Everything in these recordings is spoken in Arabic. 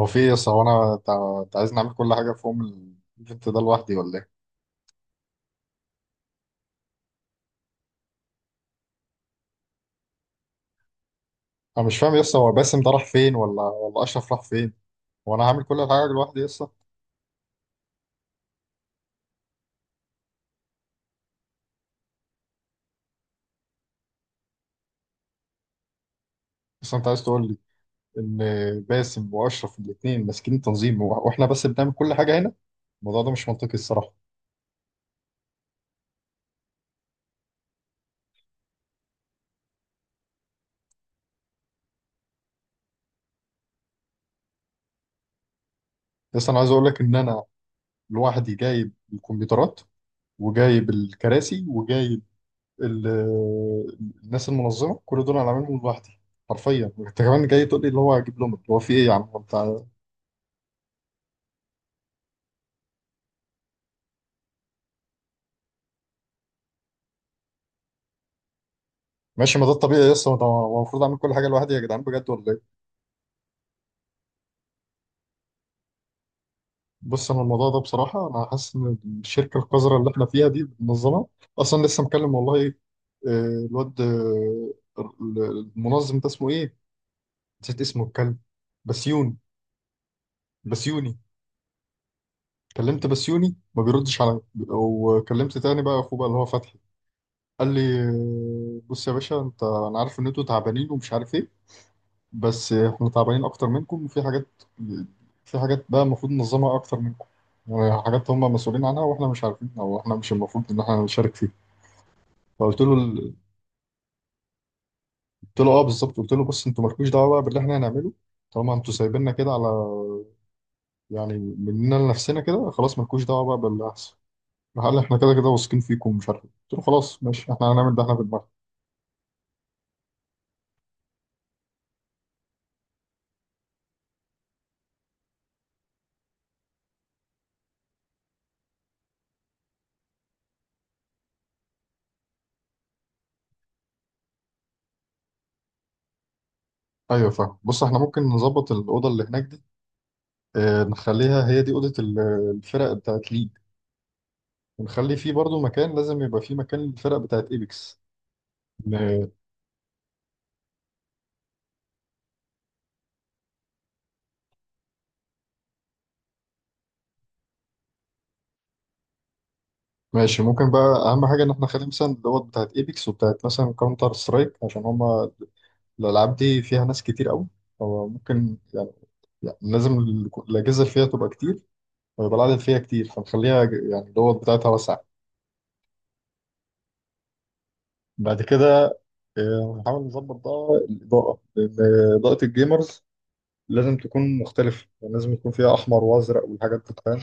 هو في إيه يس هو انا أنت عايزني اعمل كل حاجه في يوم الايفنت ده لوحدي ولا ايه؟ انا مش فاهم يس هو باسم ده راح فين ولا اشرف راح فين؟ هو انا هعمل كل الحاجه لوحدي يس. بس انت عايز تقول لي ان باسم واشرف الاثنين ماسكين التنظيم واحنا بس بنعمل كل حاجه هنا؟ الموضوع ده مش منطقي الصراحه. بس انا عايز اقول لك ان انا لوحدي جايب الكمبيوترات وجايب الكراسي وجايب ال- الناس المنظمه كل دول انا عاملهم لوحدي. حرفيا انت كمان جاي تقول لي اللي هو اجيب لهم هو في ايه يا عم انت. ماشي ما ده الطبيعي لسه هو هو المفروض اعمل كل حاجه لوحدي يا جدعان بجد ولا ايه. بص انا الموضوع ده بصراحه انا حاسس ان الشركه القذره اللي احنا فيها دي منظمه اصلا لسه مكلم والله. الواد ال- المنظم ده اسمه ايه، نسيت اسمه الكلب، بسيوني. بسيوني كلمت بسيوني ما بيردش عليا، وكلمت تاني بقى اخوه بقى اللي هو فتحي. قال لي بص يا باشا انت، انا عارف ان انتوا تعبانين ومش عارف ايه، بس احنا تعبانين اكتر منكم وفي حاجات، في حاجات بقى المفروض ننظمها اكتر منكم، وحاجات هم مسؤولين عنها واحنا مش عارفين او احنا مش المفروض ان احنا نشارك فيها. فقلت له قلت له اه بالظبط، قلت له بص انتوا مالكوش دعوه بقى باللي احنا هنعمله، طالما انتوا سايبيننا كده على يعني مننا لنفسنا كده خلاص مالكوش دعوه بقى باللي هيحصل. قال احنا كده كده واثقين فيكم ومش عارف إيه. قلت له خلاص ماشي احنا هنعمل ده احنا في دماغنا. ايوه فاهم، بص احنا ممكن نظبط الاوضه اللي هناك دي، اه نخليها هي دي اوضه الفرق بتاعت ليج، ونخلي فيه برضو مكان، لازم يبقى فيه مكان للفرق بتاعت ايبكس. م- ماشي ممكن بقى اهم حاجه ان احنا نخلي مثلا دوت بتاعت ايبكس وبتاعت مثلا كاونتر سترايك، عشان هما الالعاب دي فيها ناس كتير قوي. هو ممكن يعني، يعني لازم الاجهزه اللي فيها تبقى كتير، ويبقى العدد فيها كتير، فنخليها يعني دوت بتاعتها واسعه. بعد كده نحاول نظبط بقى الاضاءه، لان اضاءه الجيمرز لازم تكون مختلفه، يعني لازم يكون فيها احمر وازرق والحاجات دي فاهم؟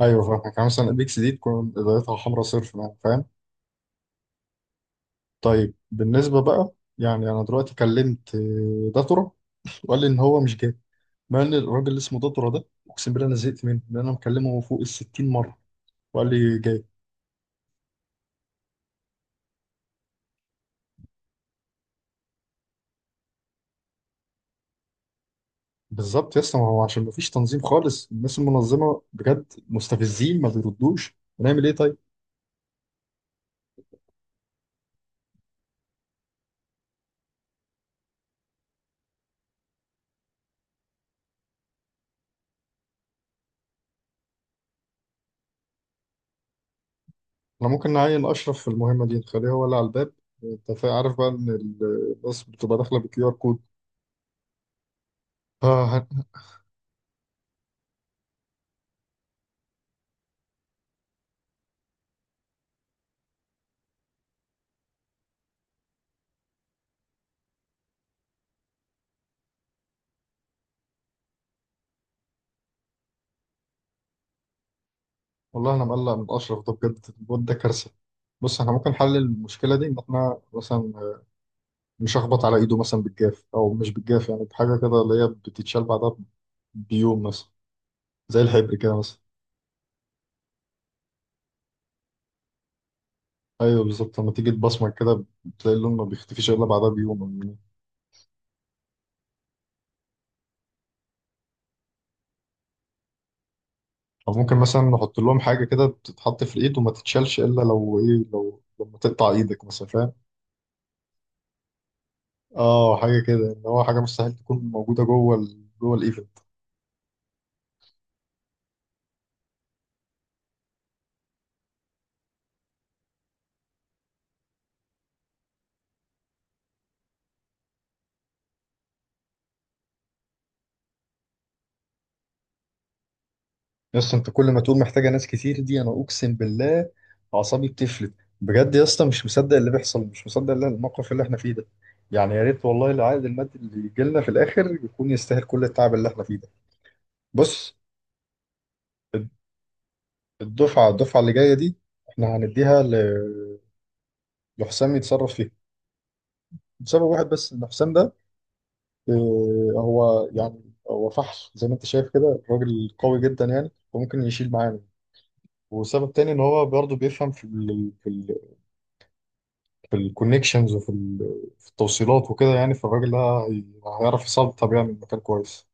ايوه فاهمك، يعني مثلا الاكس دي تكون بدايتها حمراء صرف يعني فاهم. طيب بالنسبه بقى يعني انا دلوقتي كلمت داتورا وقال لي ان هو مش جاي. مع ان الراجل اللي اسمه داتورا ده اقسم بالله انا زهقت منه، لان انا مكلمه فوق ال 60 مره وقال لي جاي. بالظبط يا اسطى، ما هو عشان ما فيش تنظيم خالص، الناس المنظمه بجد مستفزين ما بيردوش، هنعمل ايه طيب. احنا ممكن نعين اشرف في المهمه دي نخليه هو اللي على الباب. انت عارف بقى ان الناس بتبقى داخله بكيو ار كود. والله انا مقلق من اشرف ده بجد، الواد ده كارثه. بص احنا ممكن نحل المشكله دي ان احنا مثلا نشخبط على ايده مثلا بالجاف، او مش بالجاف يعني بحاجه كده اللي هي بتتشال بعدها بيوم مثلا، زي الحبر كده مثلا. ايوه بالظبط لما تيجي تبصمج كده بتلاقي اللون ما بيختفيش الا بعدها بيوم او يومين. أو ممكن مثلا نحط لهم حاجه كده بتتحط في الايد وما تتشالش الا لو ايه لو لما تقطع ايدك مثلا فاهم. اه حاجه كده ان هو حاجه مستحيل تكون موجوده جوه الايد. يس انت كل ما تقول محتاجه ناس كتير دي، انا اقسم بالله اعصابي بتفلت. بجد يا اسطى مش مصدق اللي بيحصل، مش مصدق اللي الموقف اللي احنا فيه ده. يعني يا ريت والله العائد المادي اللي يجي لنا في الاخر يكون يستاهل كل التعب اللي احنا فيه ده. بص الد- الدفعه اللي جايه دي احنا هنديها لحسام يتصرف فيها، بسبب واحد بس ان حسام ده اه، هو يعني هو فحل زي ما انت شايف كده، الراجل قوي جدا يعني وممكن يشيل معانا. وسبب تاني ان هو برضه بيفهم في في الكونكشنز وفي في التوصيلات وكده، يعني فالراجل ده هيعرف يصلي طب يعني المكان كويس.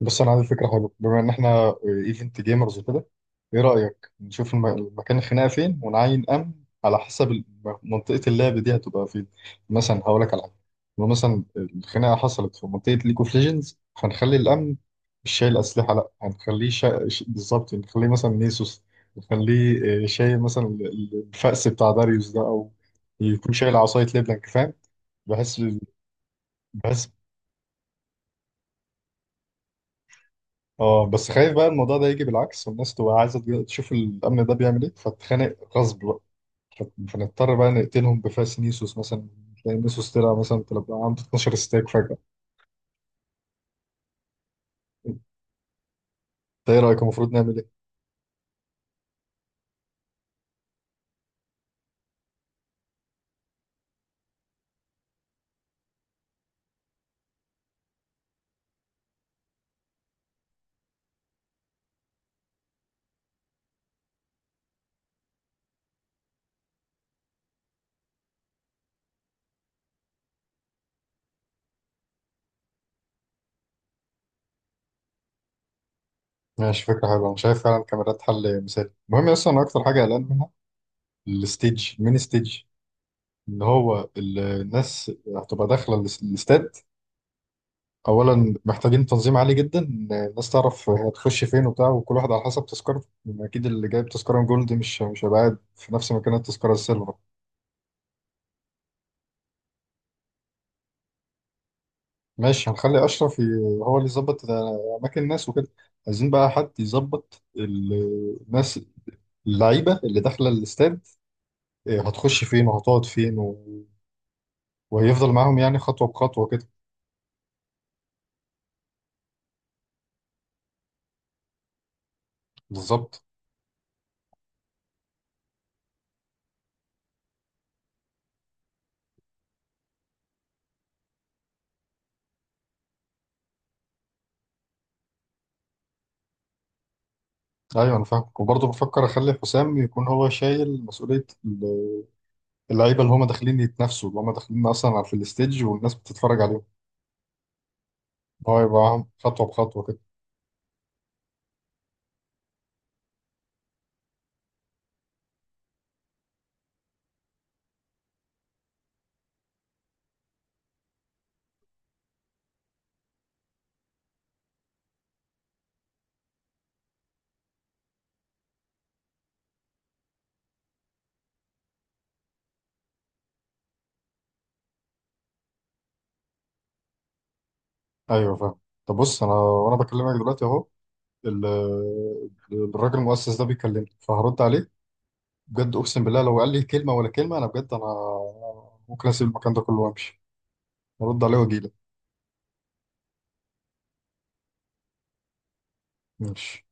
بص انا عندي فكره حلوه، بما ان احنا ايفنت جيمرز وكده، ايه رايك نشوف المكان الخناقه فين ونعين امن على حسب منطقه اللعب دي هتبقى فين. مثلا هقول لك على حاجه، لو مثلا الخناقه حصلت في منطقه ليج اوف ليجندز هنخلي الامن مش شايل اسلحه، لا هنخليه بالظبط نخليه مثلا نيسوس. نخليه شايل مثلا الفأس بتاع داريوس ده، او يكون شايل عصايه ليبلانك فاهم. بحس بحس اه بس خايف بقى الموضوع ده يجي بالعكس، والناس تبقى عايزه تشوف الامن ده بيعمل ايه فتتخانق غصب بقى، فنضطر بقى نقتلهم بفاس نيسوس مثلا. تلاقي نيسوس طلع مثلا تبقى عنده 12 ستيك فجاه. انت ايه رايك المفروض نعمل ايه؟ ماشي فكره حلوه، انا شايف فعلا الكاميرات حل مثالي. المهم اصلا انا اكتر حاجه قلقان منها الستيج، الميني ستيج اللي هو الناس هتبقى داخله الاستاد. اولا محتاجين تنظيم عالي جدا الناس تعرف هي هتخش فين وبتاع وكل واحد على حسب تذكرته، اكيد اللي جايب تذكره جولد مش هيبقى قاعد في نفس مكان التذكره السيلفر. ماشي هنخلي اشرف هو اللي يظبط اماكن الناس وكده. عايزين بقى حد يظبط الناس اللعيبه اللي داخله الاستاد، إيه، هتخش فين وهتقعد فين و... وهيفضل معاهم يعني خطوه بخطوه كده. بالظبط. ايوه انا فاهم، وبرضه بفكر اخلي حسام يكون هو شايل مسؤوليه اللعيبه اللي هم داخلين يتنافسوا، اللي هم داخلين اصلا في الستيج والناس بتتفرج عليهم، هو يبقى خطوه بخطوه كده. ايوه فاهم. طب بص انا وانا بكلمك دلوقتي اهو ال- الراجل المؤسس ده بيكلمني فهرد عليه. بجد اقسم بالله لو قال لي كلمه ولا كلمه انا بجد انا ممكن اسيب المكان ده كله وامشي. هرد عليه واجي لك، ماشي.